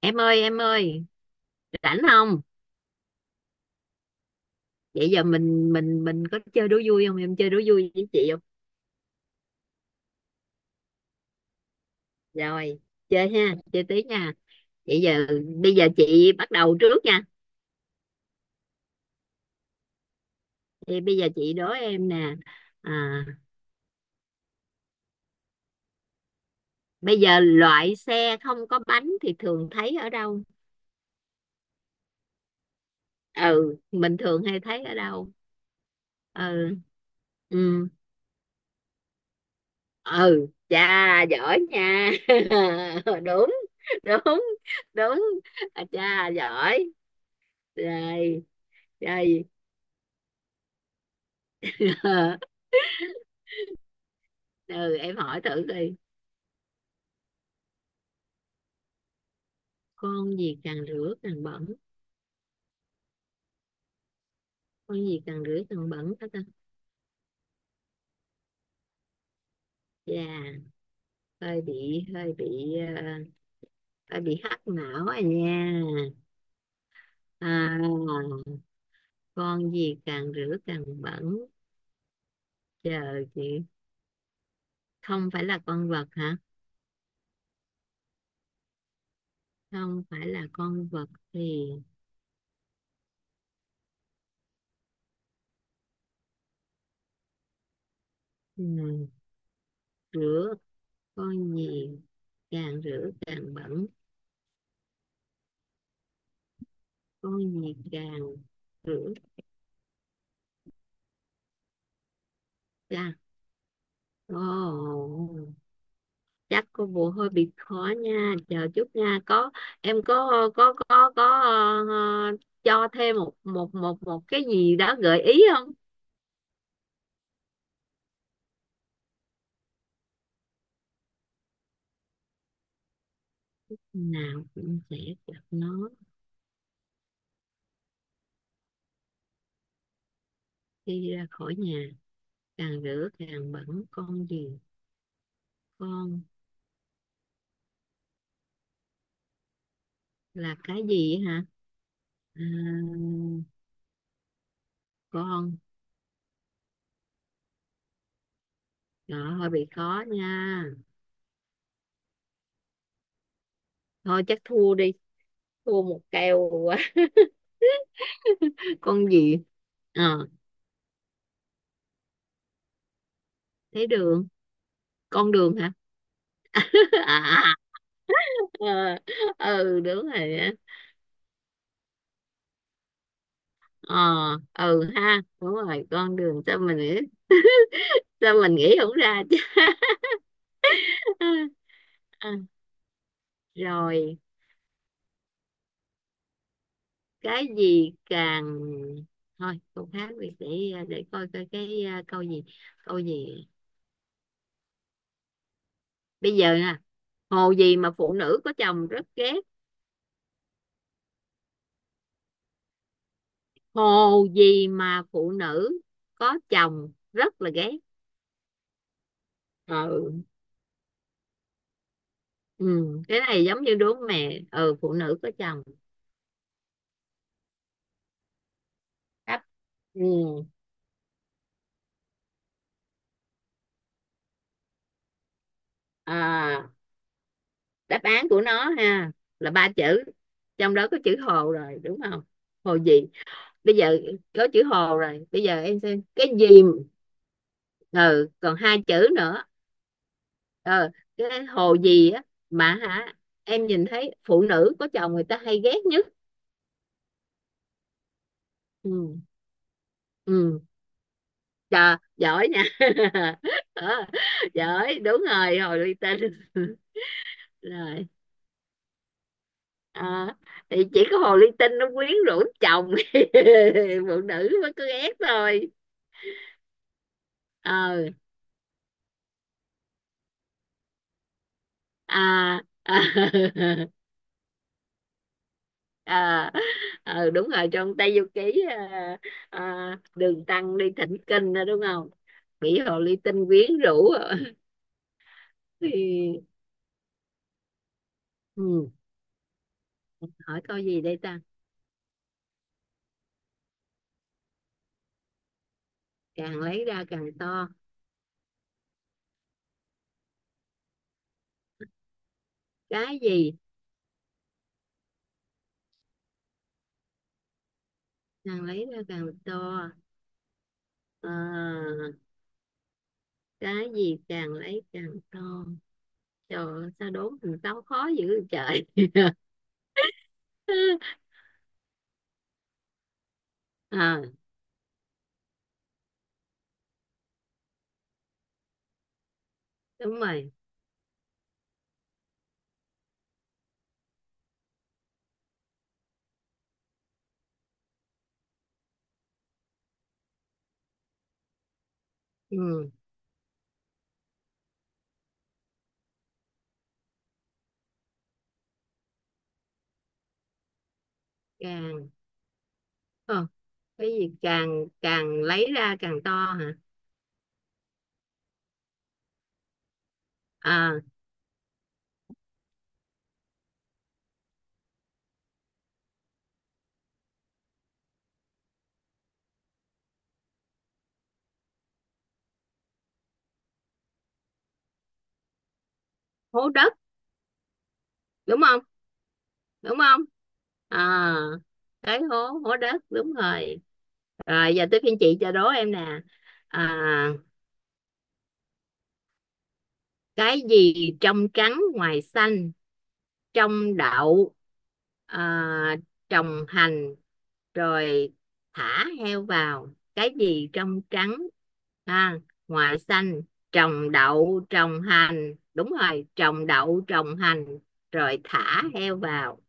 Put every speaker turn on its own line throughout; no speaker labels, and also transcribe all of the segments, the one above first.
Em ơi, em ơi, rảnh không? Vậy giờ mình có chơi đố vui không, em chơi đố vui với chị không? Rồi, chơi ha, chơi tí nha. Vậy giờ, bây giờ chị bắt đầu trước nha. Thì bây giờ chị đố em nè. à, Bây giờ loại xe không có bánh thì thường thấy ở đâu? Ừ, mình thường hay thấy ở đâu? Ừ. Ừ. Ừ, chà giỏi nha đúng. Đúng. Đúng. À, chà giỏi. Rồi. Rồi. Ừ, em hỏi thử đi. Con gì càng rửa càng bẩn? Con gì càng rửa càng bẩn hết ta? Dạ. hơi bị hơi bị ờ, Hơi bị hắc não à nha. à con gì càng rửa càng bẩn? Chờ chị. Không phải là con vật hả? Không phải là con vật. Thì, ừ, rửa, con gì càng rửa càng bẩn, con gì càng rửa càng... Ồ, chắc cô bộ hơi bị khó nha, chờ chút nha, có em có, có, có, có. ờ, cho thêm một một một một cái gì đó gợi ý không? Nào cũng sẽ gặp nó. Khi ra khỏi nhà. Càng rửa càng bẩn con gì? Con là cái gì hả? À, con. Đó hơi bị khó nha. Thôi chắc thua đi. Thua một kèo quá. Con gì? Ờ, thấy đường. Con đường hả? À, à. Ờ, ừ đúng rồi á. Ờ, ừ ha, đúng rồi con đường, sao mình nghĩ, sao mình nghĩ không ra chứ? À, rồi, cái gì càng... thôi câu khác đi để, để coi coi cái câu gì, câu gì bây giờ nè. Hồ gì mà phụ nữ có chồng rất ghét? Hồ gì mà phụ nữ có chồng rất là ghét? Ừ. Ừ. Cái này giống như đố mẹ, ừ, phụ nữ có chồng. Đáp. Ừ. À, đáp án của nó ha, là ba chữ, trong đó có chữ hồ rồi đúng không? Hồ gì bây giờ. Có chữ hồ rồi, bây giờ em xem cái gì. Ừ, còn hai chữ nữa. Ờ, cái hồ gì á, mà hả? Em nhìn thấy phụ nữ có chồng người ta hay ghét nhất. Ừ. Ừ. Trời, giỏi nha Ờ, giỏi, đúng rồi hồ ly tinh rồi. Ờ, thì chỉ có hồ ly tinh nó quyến rũ chồng phụ nữ mới cứ ghét thôi. Ờ, à, à, à, ờ, đúng rồi trong Tây Du Ký, à, à, đường Tăng đi thỉnh kinh đó đúng không? Bỉ hồ ly tinh quyến rũ Thì, ừ, hỏi câu gì đây ta? Càng lấy ra càng to, cái gì càng lấy ra càng to? À, cái gì càng lấy càng to? Trời ơi, sao đố mình táo khó dữ vậy trời. À, đúng rồi. Ừ, càng... Ờ, cái gì càng càng lấy ra càng to hả? À, hố đất, đúng không? Đúng không? À, cái hố, hố đất đúng rồi. Rồi, giờ tới phiên chị cho đố em nè. À, cái gì trong trắng ngoài xanh, trong đậu, à, trồng hành, rồi thả heo vào, cái gì trong trắng ha, ngoại xanh, trồng đậu trồng hành, đúng rồi, trồng đậu trồng hành, rồi thả heo vào.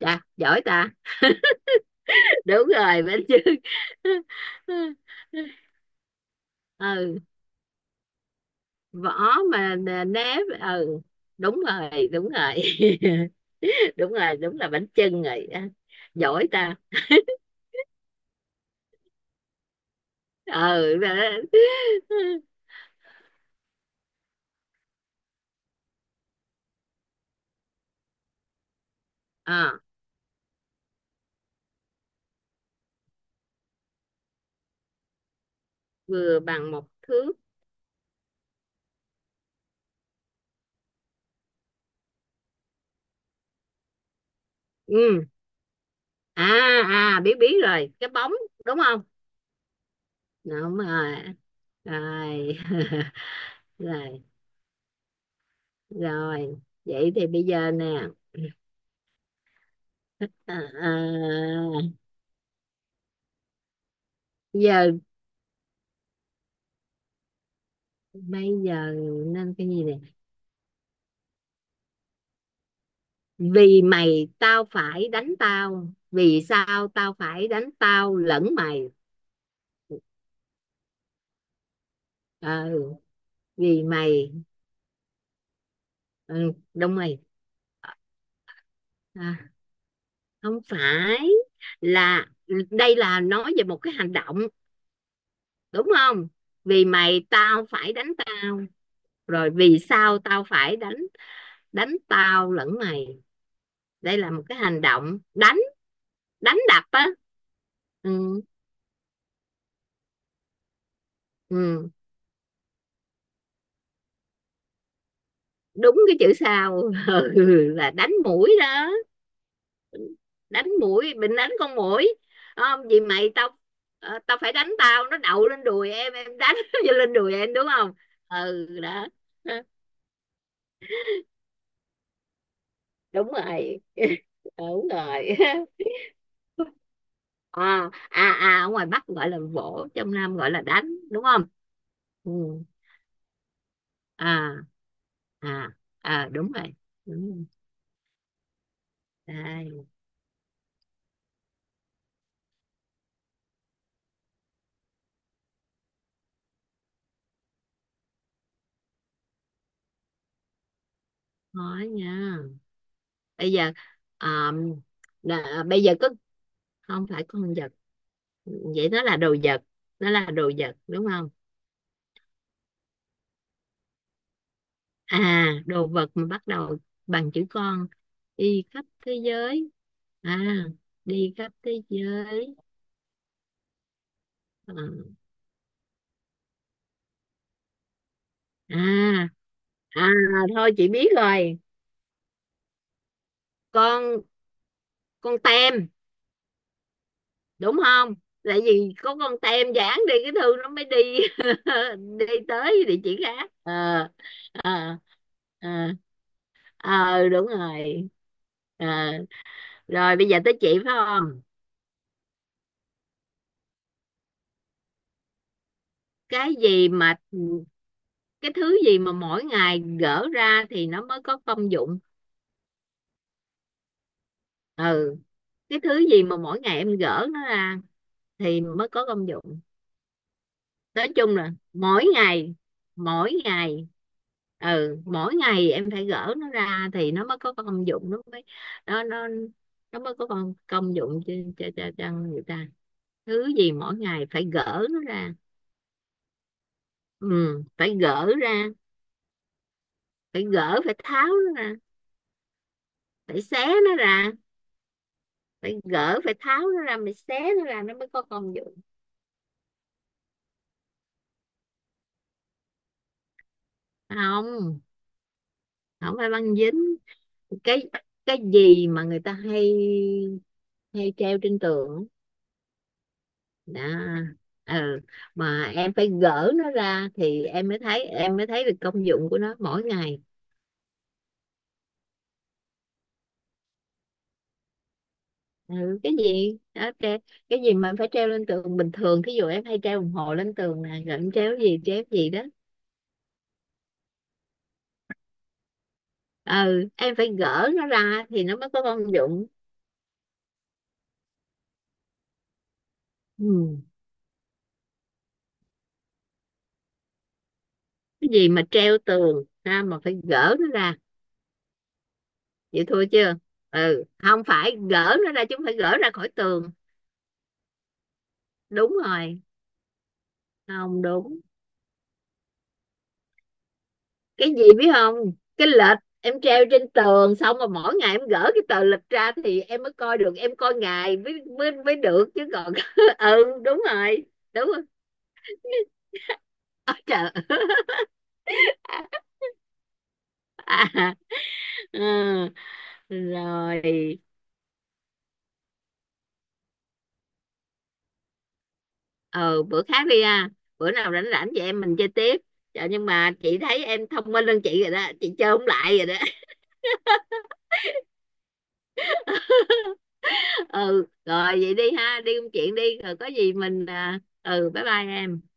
Chà, giỏi ta, đúng rồi bên chương ừ, vỏ mà, nếp, ừ, đúng rồi. Đúng rồi. Đúng rồi, đúng là bánh chưng rồi. À, giỏi ta. Ừ rồi. Ờ, vừa bằng một thước, ừ, à, à, biết biết rồi cái bóng, đúng không? Đúng rồi. Rồi rồi. Rồi. Vậy thì bây giờ nè, à, à, giờ, bây giờ nên cái gì nè. Vì mày tao phải đánh tao, vì sao tao phải đánh tao lẫn mày? Ờ, vì mày. Ừ, đúng rồi. À, không phải là... đây là nói về một cái hành động, đúng không? Vì mày tao phải đánh tao, rồi vì sao tao phải đánh, đánh tao lẫn mày? Đây là một cái hành động đánh, đánh đập á. Ừ. Ừ. Đúng, cái chữ sao là đánh mũi đó. Đánh mũi, mình đánh con mũi. Không, vì mày tao, tao phải đánh tao, nó đậu lên đùi em đánh. Lên đùi em đúng không? Ừ đó. Đúng rồi. Đúng rồi. À, à, à, ở ngoài Bắc gọi là vỗ, trong Nam gọi là đánh, đúng không? Ừ. À, à, à, đúng rồi. Đúng rồi. Đây, nói nha bây giờ, à, nè, bây giờ cứ, không phải con vật, vậy nó là đồ vật, nó là đồ vật đúng không? À, đồ vật mà bắt đầu bằng chữ con, đi khắp thế giới. À, đi khắp thế giới. À, à, à, thôi chị biết rồi, con con tem, đúng không? Tại vì có con tem dán, đi cái thư nó mới đi. Đi tới địa chỉ khác, ờ, ờ, ờ, ờ, đúng rồi. Ờ, rồi bây giờ tới chị phải không? Cái gì mà, cái thứ gì mà mỗi ngày gỡ ra thì nó mới có công dụng? Ừ, cái thứ gì mà mỗi ngày em gỡ nó ra thì mới có công dụng. Nói chung là mỗi ngày, mỗi ngày. Ừ, mỗi ngày em phải gỡ nó ra thì nó mới có công dụng, nó nó nó mới có công công dụng cho người ta. Thứ gì mỗi ngày phải gỡ nó ra? Ừ, phải gỡ ra, phải gỡ, phải tháo nó ra, phải xé nó ra, phải gỡ, phải tháo nó ra, phải xé nó ra, nó mới có công dụng. Không, không phải băng dính. Cái cái gì mà người ta hay hay treo trên tường á, đó. Ừ. Mà em phải gỡ nó ra thì em mới thấy được công dụng của nó mỗi ngày. Ừ. Cái gì đó, cái gì mà em phải treo lên tường, bình thường thí dụ em hay treo đồng hồ lên tường nè, rồi em treo cái gì, treo cái gì đó? Ừ, em phải gỡ nó ra thì nó mới có công dụng. Ừ. Cái gì mà treo tường ra mà phải gỡ nó ra? Vậy thua chưa? Ừ, không phải gỡ nó ra, chúng phải gỡ ra khỏi tường. Đúng rồi. Không đúng. Cái gì biết không? Cái lịch em treo trên tường xong, mà mỗi ngày em gỡ cái tờ lịch ra thì em mới coi được, em coi ngày mới mới, mới được chứ, còn ừ đúng rồi. Đúng rồi. Ôi trời. À, ừ, rồi. Ừ, bữa khác đi ha, bữa nào rảnh rảnh chị em mình chơi tiếp. Trời, nhưng mà chị thấy em thông minh hơn chị rồi đó, chị chơi không lại rồi đó. Ừ rồi, vậy đi ha, đi công chuyện đi, rồi có gì mình bye bye em.